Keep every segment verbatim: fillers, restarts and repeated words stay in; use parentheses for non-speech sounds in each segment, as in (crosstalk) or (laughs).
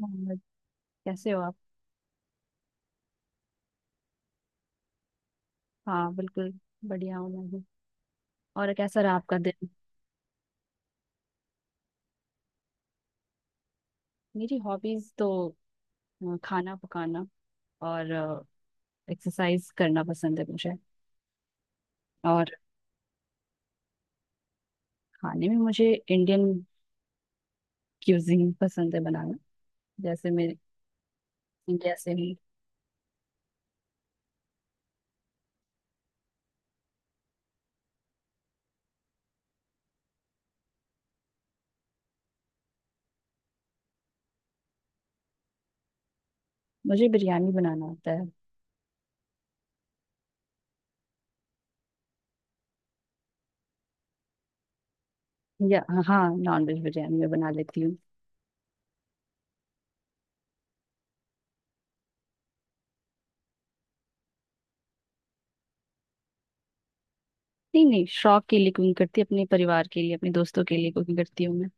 हाँ, कैसे हो आप। हाँ, बिल्कुल। बढ़िया हूँ मैं भी। और कैसा रहा आपका दिन? मेरी हॉबीज तो अ, खाना पकाना और एक्सरसाइज करना पसंद है मुझे। और खाने में मुझे इंडियन क्यूजीन पसंद है बनाना। जैसे मैं इंडिया से ही। मुझे बिरयानी बनाना आता है। या, हाँ, नॉन वेज बिरयानी मैं बना लेती हूँ। नहीं नहीं, शौक के लिए कुकिंग करती हूँ, अपने परिवार के लिए, अपने दोस्तों के लिए कुकिंग करती हूँ मैं।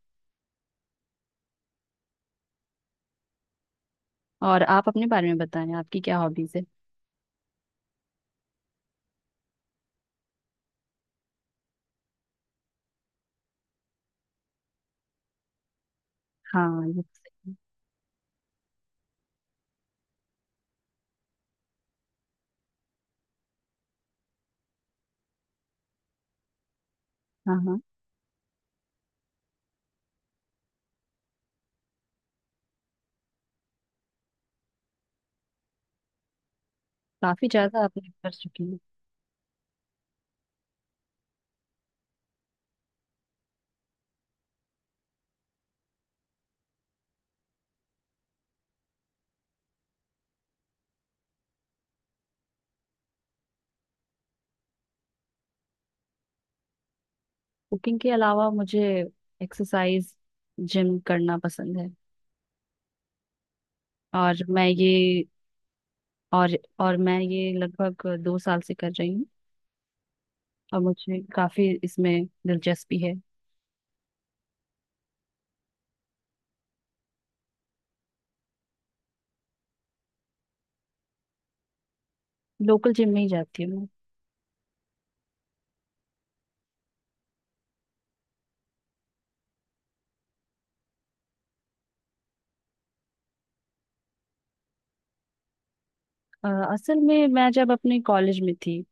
और आप अपने बारे में बताएं, आपकी क्या हॉबीज है? हाँ, ये तो सही है। हाँ हाँ, काफी ज्यादा आपने कर चुकी हूँ। कुकिंग के अलावा मुझे एक्सरसाइज, जिम करना पसंद है। और मैं ये और और मैं ये लगभग दो साल से कर रही हूँ। और मुझे काफी इसमें दिलचस्पी है। लोकल जिम में ही जाती हूँ मैं। अ, असल में मैं जब अपने कॉलेज में थी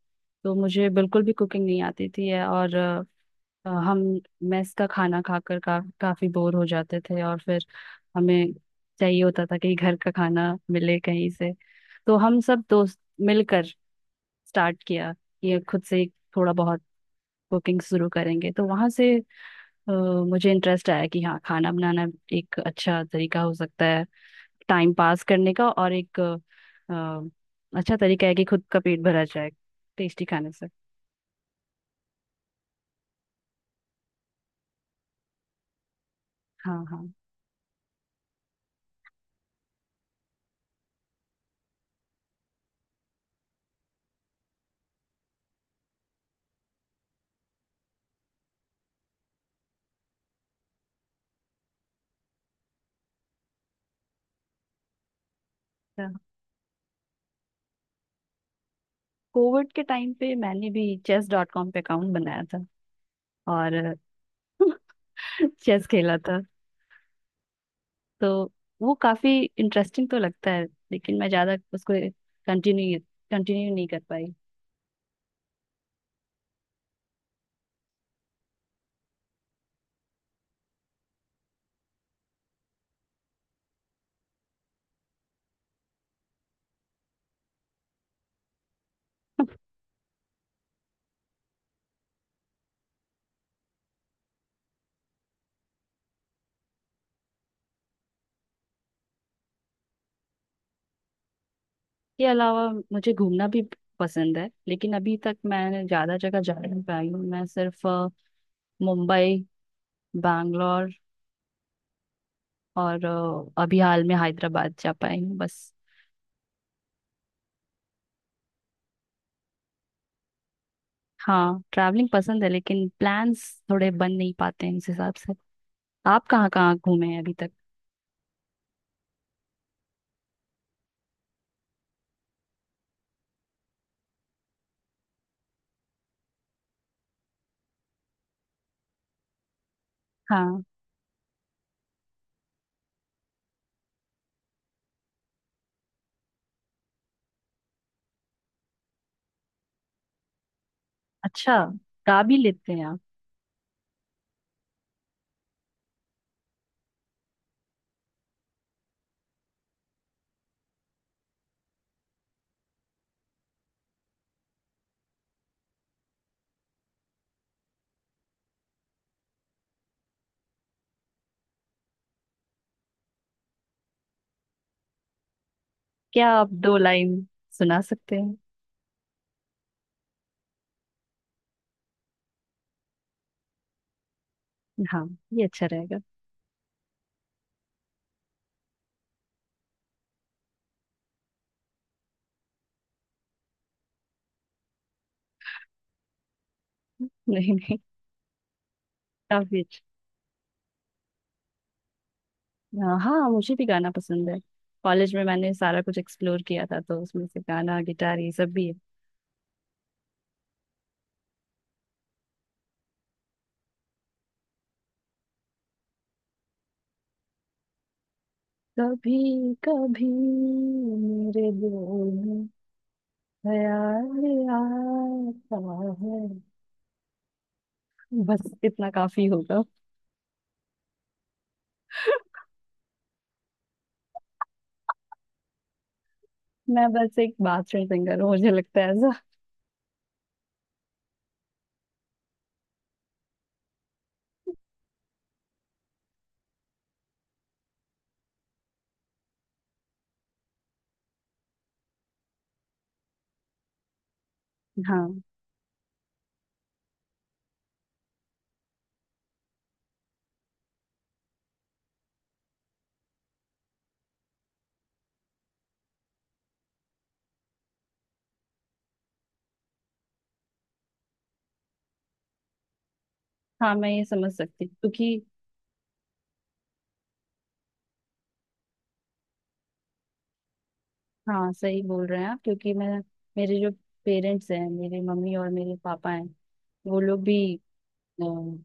तो मुझे बिल्कुल भी कुकिंग नहीं आती थी। और अ, हम मेस का खाना खाकर का, काफी बोर हो जाते थे और फिर हमें चाहिए होता था कि घर का खाना मिले कहीं से। तो हम सब दोस्त मिलकर स्टार्ट किया, ये खुद से ही थोड़ा बहुत कुकिंग शुरू करेंगे, तो वहां से अ, मुझे इंटरेस्ट आया कि हाँ, खाना बनाना एक अच्छा तरीका हो सकता है टाइम पास करने का, और एक अ, अच्छा तरीका है कि खुद का पेट भरा जाए टेस्टी खाने से। हाँ हाँ। कोविड के टाइम पे मैंने भी चेस डॉट कॉम पे अकाउंट बनाया था और (laughs) चेस खेला था। तो वो काफी इंटरेस्टिंग तो लगता है, लेकिन मैं ज्यादा उसको कंटिन्यू कंटिन्यू नहीं कर पाई। (laughs) के अलावा मुझे घूमना भी पसंद है, लेकिन अभी तक मैं ज्यादा जगह जा नहीं पाई हूँ। मैं सिर्फ अ, मुंबई, बैंगलोर और अ, अभी हाल में हैदराबाद जा पाई हूँ बस। हाँ, ट्रैवलिंग पसंद है, लेकिन प्लान्स थोड़े बन नहीं पाते हैं उस हिसाब से। आप कहाँ कहाँ घूमे हैं अभी तक? हाँ। अच्छा, गा भी लेते हैं आप? क्या आप दो लाइन सुना सकते हैं? हाँ, ये अच्छा रहेगा। (laughs) नहीं नहीं, काफी अच्छा। हाँ हाँ, मुझे भी गाना पसंद है। कॉलेज में मैंने सारा कुछ एक्सप्लोर किया था, तो उसमें से गाना, गिटार, ये सब भी है। कभी कभी मेरे दिल में ख्याल आता है। बस इतना काफी होगा। (laughs) मैं बस एक बाथरूम सिंगर हूँ, मुझे लगता है ऐसा। हाँ, हाँ, मैं ये समझ सकती हूँ, क्योंकि हाँ, सही बोल रहे हैं आप। क्योंकि मैं, मेरे जो पेरेंट्स हैं, मेरे मम्मी और मेरे पापा हैं, वो लोग भी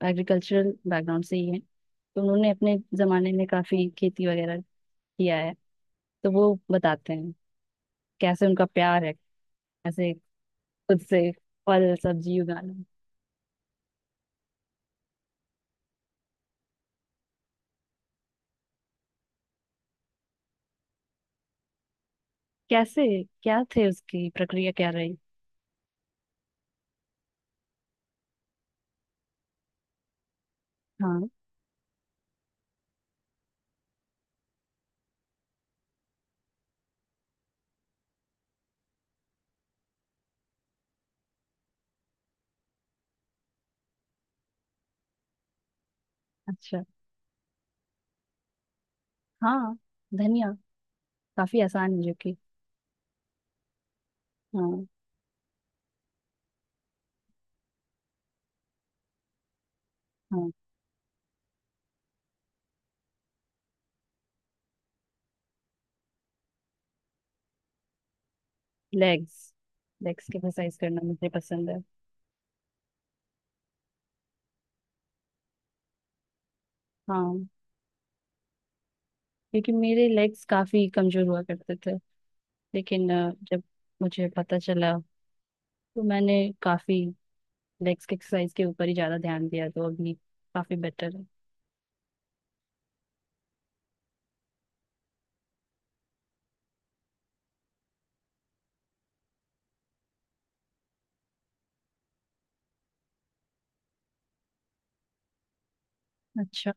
एग्रीकल्चरल बैकग्राउंड से ही हैं, तो उन्होंने अपने जमाने में काफी खेती वगैरह किया है। तो वो बताते हैं, कैसे उनका प्यार है, कैसे खुद से फल सब्जी उगाना, कैसे, क्या थे उसकी प्रक्रिया क्या रही। हाँ। अच्छा। हाँ, धनिया काफी आसान है जो कि। हाँ हाँ। लेग्स, लेग्स की एक्सरसाइज करना मुझे पसंद है। हाँ। क्योंकि मेरे लेग्स काफी कमजोर हुआ करते थे। लेकिन अ, जब मुझे पता चला, तो मैंने काफी लेग्स की एक्सरसाइज के ऊपर ही ज्यादा ध्यान दिया, तो अभी काफी बेटर है। अच्छा।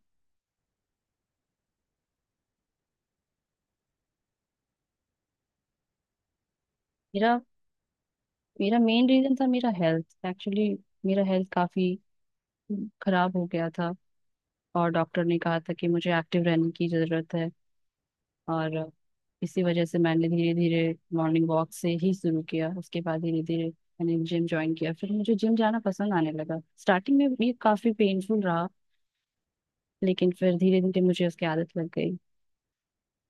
मेरा मेरा मेन रीजन था, मेरा हेल्थ एक्चुअली। मेरा हेल्थ काफी खराब हो गया था, और डॉक्टर ने कहा था कि मुझे एक्टिव रहने की जरूरत है। और इसी वजह से मैंने धीरे धीरे मॉर्निंग वॉक से ही शुरू किया, उसके बाद धीरे धीरे मैंने जिम ज्वाइन किया, फिर मुझे जिम जाना पसंद आने लगा। स्टार्टिंग में ये काफी पेनफुल रहा, लेकिन फिर धीरे धीरे मुझे उसकी आदत लग गई।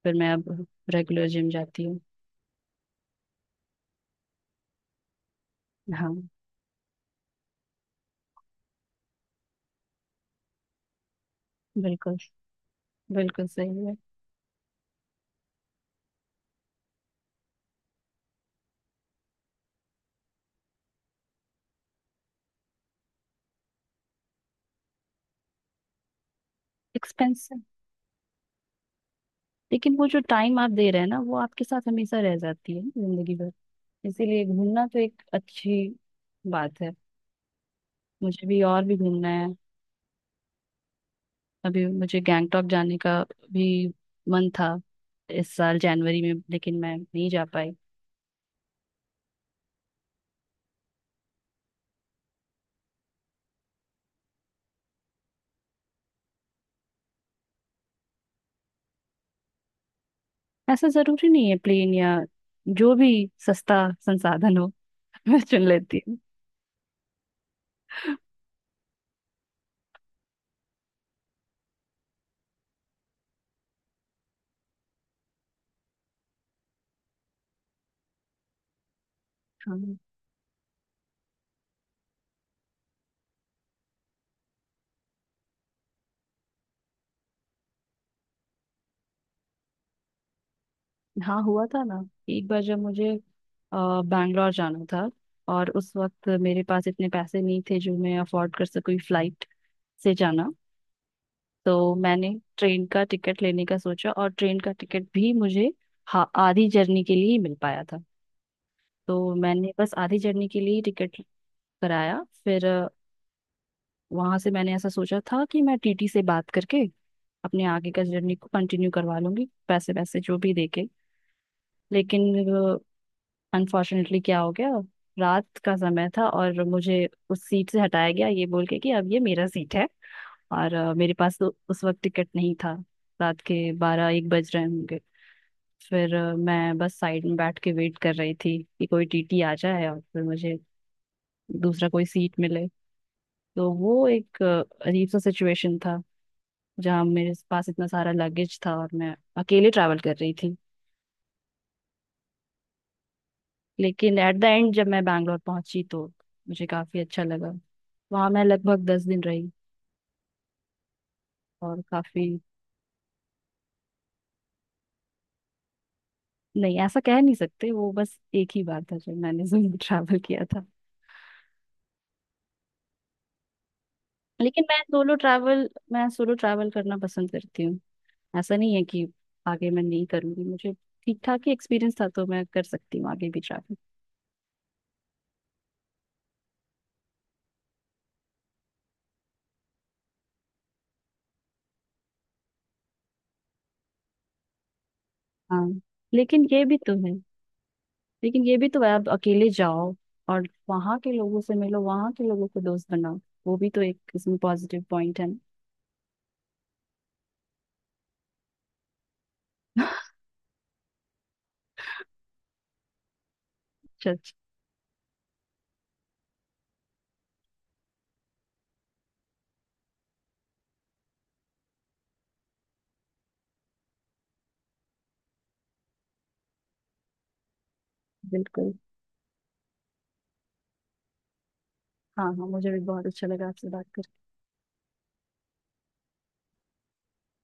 फिर मैं अब रेगुलर जिम जाती हूँ। हाँ। बिल्कुल, बिल्कुल सही है। एक्सपेंसिव, लेकिन वो जो टाइम आप दे रहे हैं ना, वो आपके साथ हमेशा रह जाती है जिंदगी भर। इसीलिए घूमना तो एक अच्छी बात है। मुझे भी और भी घूमना है। अभी मुझे गैंगटॉक जाने का भी मन था इस साल जनवरी में, लेकिन मैं नहीं जा पाई। ऐसा जरूरी नहीं है प्लेन या, जो भी सस्ता संसाधन हो (laughs) मैं चुन लेती हूँ। हाँ हाँ, हुआ था ना। एक बार जब मुझे अ, बैंगलोर जाना था, और उस वक्त मेरे पास इतने पैसे नहीं थे जो मैं अफोर्ड कर सकूँ फ्लाइट से जाना। तो मैंने ट्रेन का टिकट लेने का सोचा, और ट्रेन का टिकट भी मुझे हा- आधी जर्नी के लिए ही मिल पाया था। तो मैंने बस आधी जर्नी के लिए टिकट कराया। फिर वहां से मैंने ऐसा सोचा था कि मैं टी टी से बात करके अपने आगे का जर्नी को कंटिन्यू करवा लूंगी, पैसे पैसे जो भी देके। लेकिन अनफॉर्चुनेटली क्या हो गया, रात का समय था और मुझे उस सीट से हटाया गया ये बोल के कि अब ये मेरा सीट है। और अ, मेरे पास तो उस वक्त टिकट नहीं था। रात के बारह एक बज रहे होंगे। फिर अ, मैं बस साइड में बैठ के वेट कर रही थी कि कोई टी टी आ जाए और फिर मुझे दूसरा कोई सीट मिले। तो वो एक अ, अजीब सा सिचुएशन था, जहाँ मेरे पास इतना सारा लगेज था और मैं अकेले ट्रैवल कर रही थी। लेकिन एट द एंड जब मैं बैंगलोर पहुंची, तो मुझे काफी अच्छा लगा। वहां मैं लगभग दस दिन रही और काफी। नहीं, ऐसा कह नहीं सकते, वो बस एक ही बार था जब मैंने (laughs) सोलो ट्रैवल किया था। लेकिन मैं सोलो ट्रैवल मैं सोलो ट्रैवल करना पसंद करती हूँ। ऐसा नहीं है कि आगे मैं नहीं करूंगी, मुझे ठीक ठाक ही एक्सपीरियंस था तो मैं कर सकती हूँ आगे भी ट्रैवल। हाँ। लेकिन ये भी तो है लेकिन ये भी तो है, आप अकेले जाओ और वहां के लोगों से मिलो, वहां के लोगों को दोस्त बनाओ। वो भी तो एक इसमें पॉजिटिव पॉइंट है ना। (laughs) अच्छा, अच्छा। बिल्कुल। हाँ हाँ, मुझे भी बहुत अच्छा लगा आपसे बात करके।